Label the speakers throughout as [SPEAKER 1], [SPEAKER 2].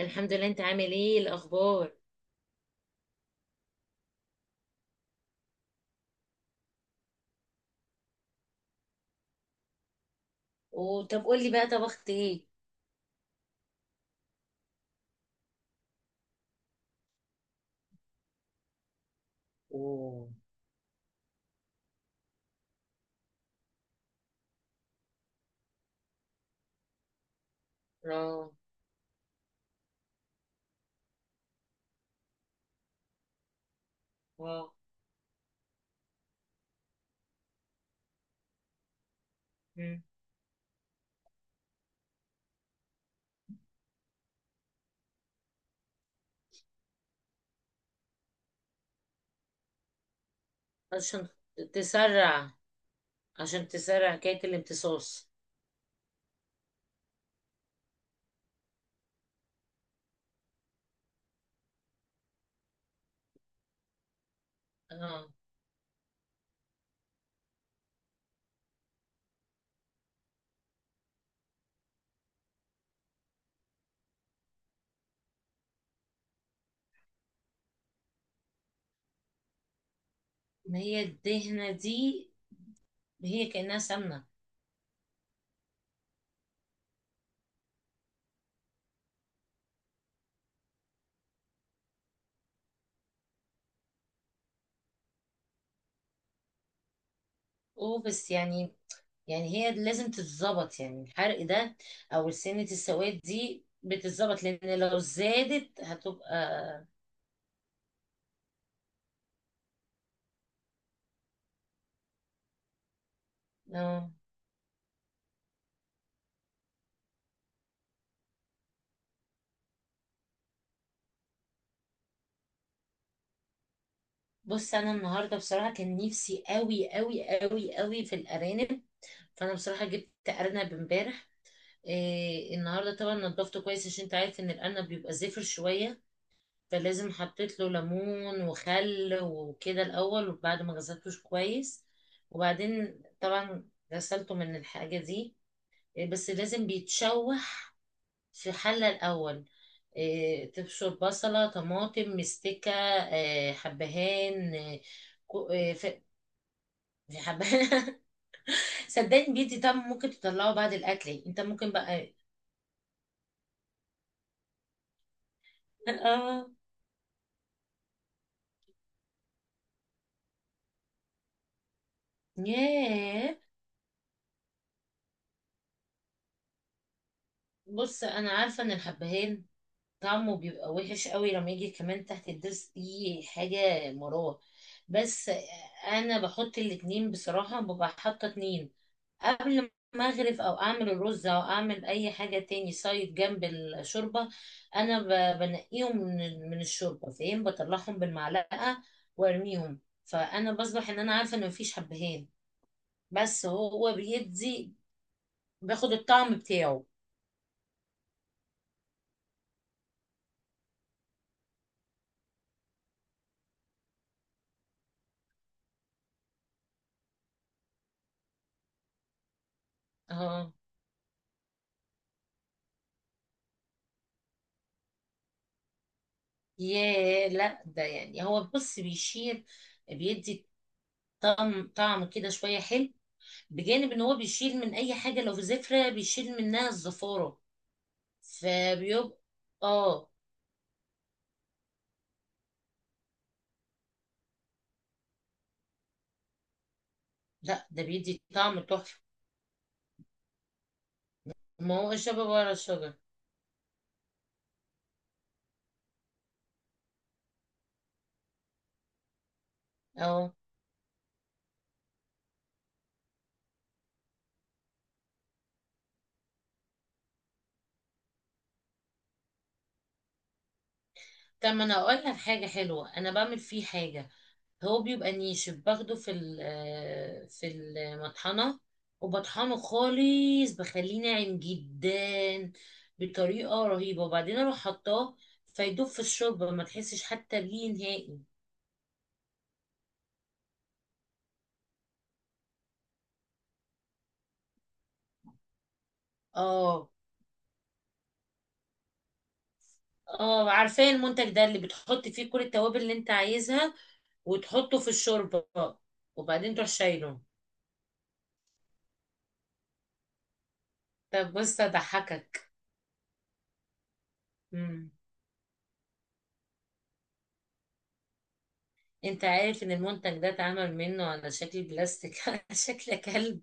[SPEAKER 1] الحمد لله، انت عامل ايه الاخبار؟ وطب قولي بقى طبخت ايه؟ اوه. اه. واو. مم. عشان تسرع عشان تسرع كيك الامتصاص. اه. ما هي الدهنة دي، هي كأنها سمنة. اوه، بس يعني هي لازم تتظبط يعني الحرق ده، او سنة السواد دي بتتظبط، لان لو زادت هتبقى. اه. بص، انا النهارده بصراحة كان نفسي قوي قوي قوي قوي في الارانب، فانا بصراحه جبت ارنب امبارح. إيه، النهارده طبعا نضفته كويس، عشان انت عارف ان الارنب بيبقى زفر شويه، فلازم حطيت له ليمون وخل وكده الاول، وبعد ما غسلتوش كويس، وبعدين طبعا غسلته من الحاجه دي. إيه، بس لازم بيتشوح في حله الاول. إيه، تبشر بصله، طماطم، مستكه. إيه، حبهان، إيه. إيه، في حبهان. صدقني بيدي طعم ممكن تطلعه بعد الاكل، يعني انت ممكن بقى. اه. ياه، بص انا عارفه ان الحبهان طعمه بيبقى وحش قوي لما يجي كمان تحت الضرس دي، حاجه مراره. بس انا بحط الاتنين بصراحه، ببقى حاطه اتنين قبل ما اغرف او اعمل الرز او اعمل اي حاجه، تاني سايد جنب الشوربه. انا بنقيهم من الشوربه، فاهم؟ بطلعهم بالمعلقه وارميهم، فانا بصبح ان انا عارفه ان مفيش حبهان. بس هو بيدي، باخد الطعم بتاعه. اه. ياه، لا ده يعني هو بص بيشيل، بيدي طعم طعم كده شويه حلو، بجانب ان هو بيشيل من اي حاجه، لو في زفره بيشيل منها الزفاره، فبيبقى. اه. لا، ده بيدي طعم تحفه. ما هو الشباب ورا الشجر. اه. طب ما انا اقول لك حاجه حلوه، انا بعمل فيه حاجه. هو بيبقى نيش، باخده في ال- آه، في المطحنة، وبطحنه خالص، بخليه ناعم جدا بطريقة رهيبة، وبعدين اروح حطاه فيدوب في الشوربة، ما تحسش حتى بيه نهائي. اه، اه، عارفاه المنتج ده، اللي بتحط فيه كل التوابل اللي انت عايزها وتحطه في الشوربة، وبعدين تروح شايله. طب بص اضحكك، انت عارف ان المنتج ده اتعمل منه على شكل بلاستيك على شكل كلب؟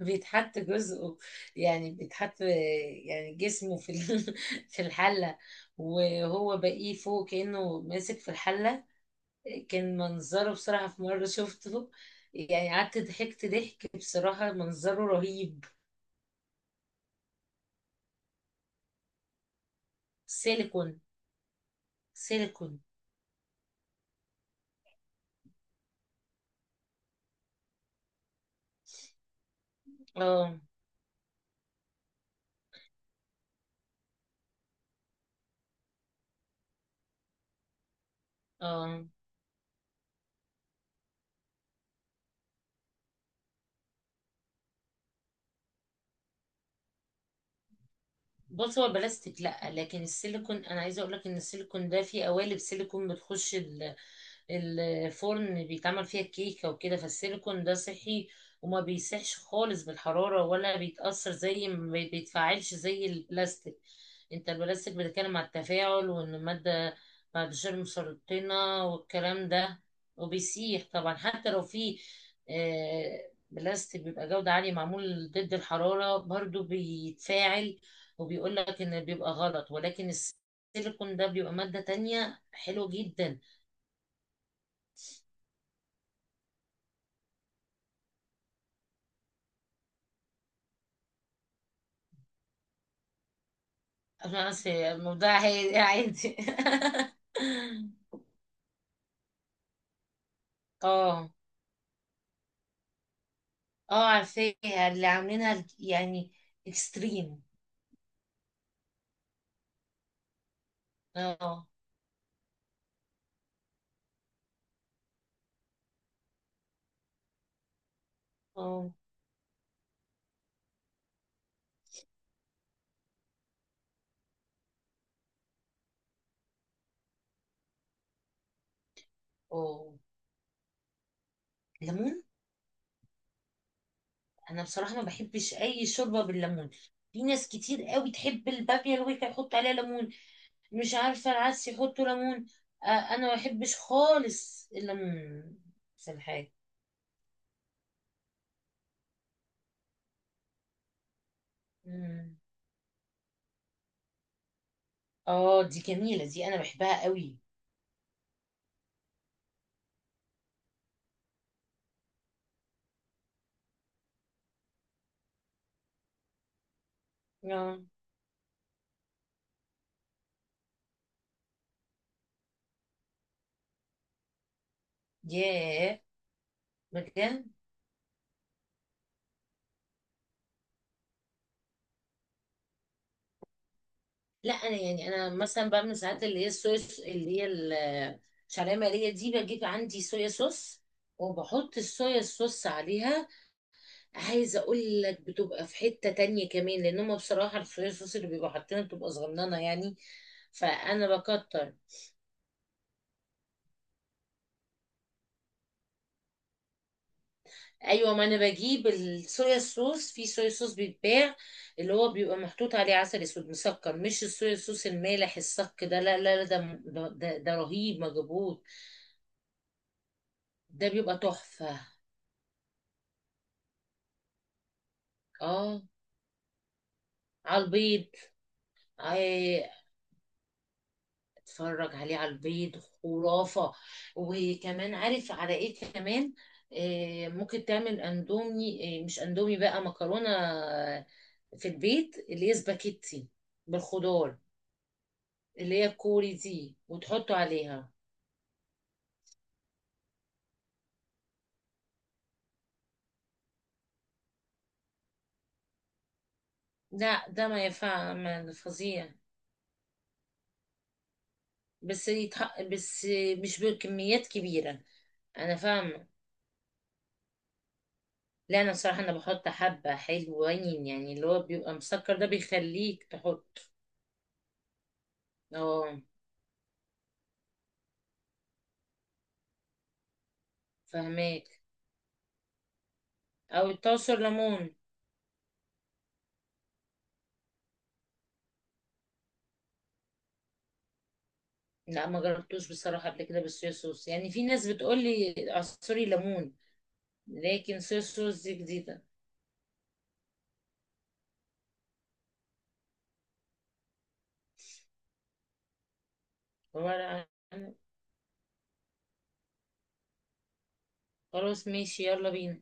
[SPEAKER 1] بيتحط جزءه، يعني بيتحط يعني جسمه في الحلة، وهو باقيه فوق كأنه ماسك في الحلة. كان منظره بصراحة في مرة شفته، يعني قعدت ضحكت ضحك، بصراحة منظره رهيب. سيليكون، سيليكون. اه، اه، بص هو البلاستيك لا، لكن السيليكون، انا عايزه اقول لك ان السيليكون ده فيه قوالب سيليكون بتخش الفرن، بيتعمل فيها الكيكة وكده، فالسيليكون ده صحي، وما بيسيحش خالص بالحرارة ولا بيتأثر، زي ما بيتفاعلش زي البلاستيك. انت البلاستيك بتتكلم على التفاعل، وان المادة بعد شر مسرطنة والكلام ده، وبيسيح طبعا، حتى لو في بلاستيك بيبقى جودة عالية معمول ضد الحرارة، برضو بيتفاعل، وبيقول لك ان بيبقى غلط، ولكن السيليكون ده بيبقى مادة تانية حلوة جدا. خلاص، هي الموضوع هي عادي. اه، اه، عارفاها، اللي عاملينها يعني اكستريم. اه، اه، اه، ليمون. انا بصراحة ما بحبش اي شوربة بالليمون، في ناس كتير قوي تحب البابيا، الويكا، يحط عليها ليمون، مش عارفة العدس يحطوا ليمون. آه، انا ما بحبش خالص الليمون في الحاجة. مم. اه، دي جميلة دي، انا بحبها قوي. اه. ياه، بجد؟ لا، انا يعني انا مثلا بعمل ساعات اللي هي الصويا اللي هي الشعريه مقليه دي، بجيب عندي صويا صوص وبحط الصويا صوص عليها، عايزه اقول لك بتبقى في حته تانية كمان، لان هم بصراحه الصويا صوص اللي بيبقوا حاطينها بتبقى صغننه يعني، فانا بكتر. ايوه، ما انا بجيب الصويا صوص، في صويا صوص بيتباع اللي هو بيبقى محطوط عليه عسل اسود مسكر، مش الصويا صوص المالح الصك ده، لا، لا، لا، ده رهيب مجبوط، ده بيبقى تحفه. اه، على البيض. آه، اتفرج عليه على البيض، خرافة. وكمان عارف على ايه كمان؟ ممكن تعمل اندومي، مش اندومي بقى مكرونة في البيت، اللي هي سباكيتي بالخضار، اللي هي الكوري دي وتحطه عليها. لا ده ما ينفع، فظيع. بس بس مش بكميات كبيرة. انا فاهمة. لا، انا بصراحة انا بحط حبة حلوين، يعني اللي هو بيبقى مسكر ده بيخليك تحط. اه، فهماك. او التعصر ليمون؟ لا، ما جربتوش بصراحه قبل كده بالصويا صوص، يعني في ناس بتقول لي اعصري ليمون، لكن صويا صوص دي جديده. ولا أنا- خلاص، ماشي، يلا بينا.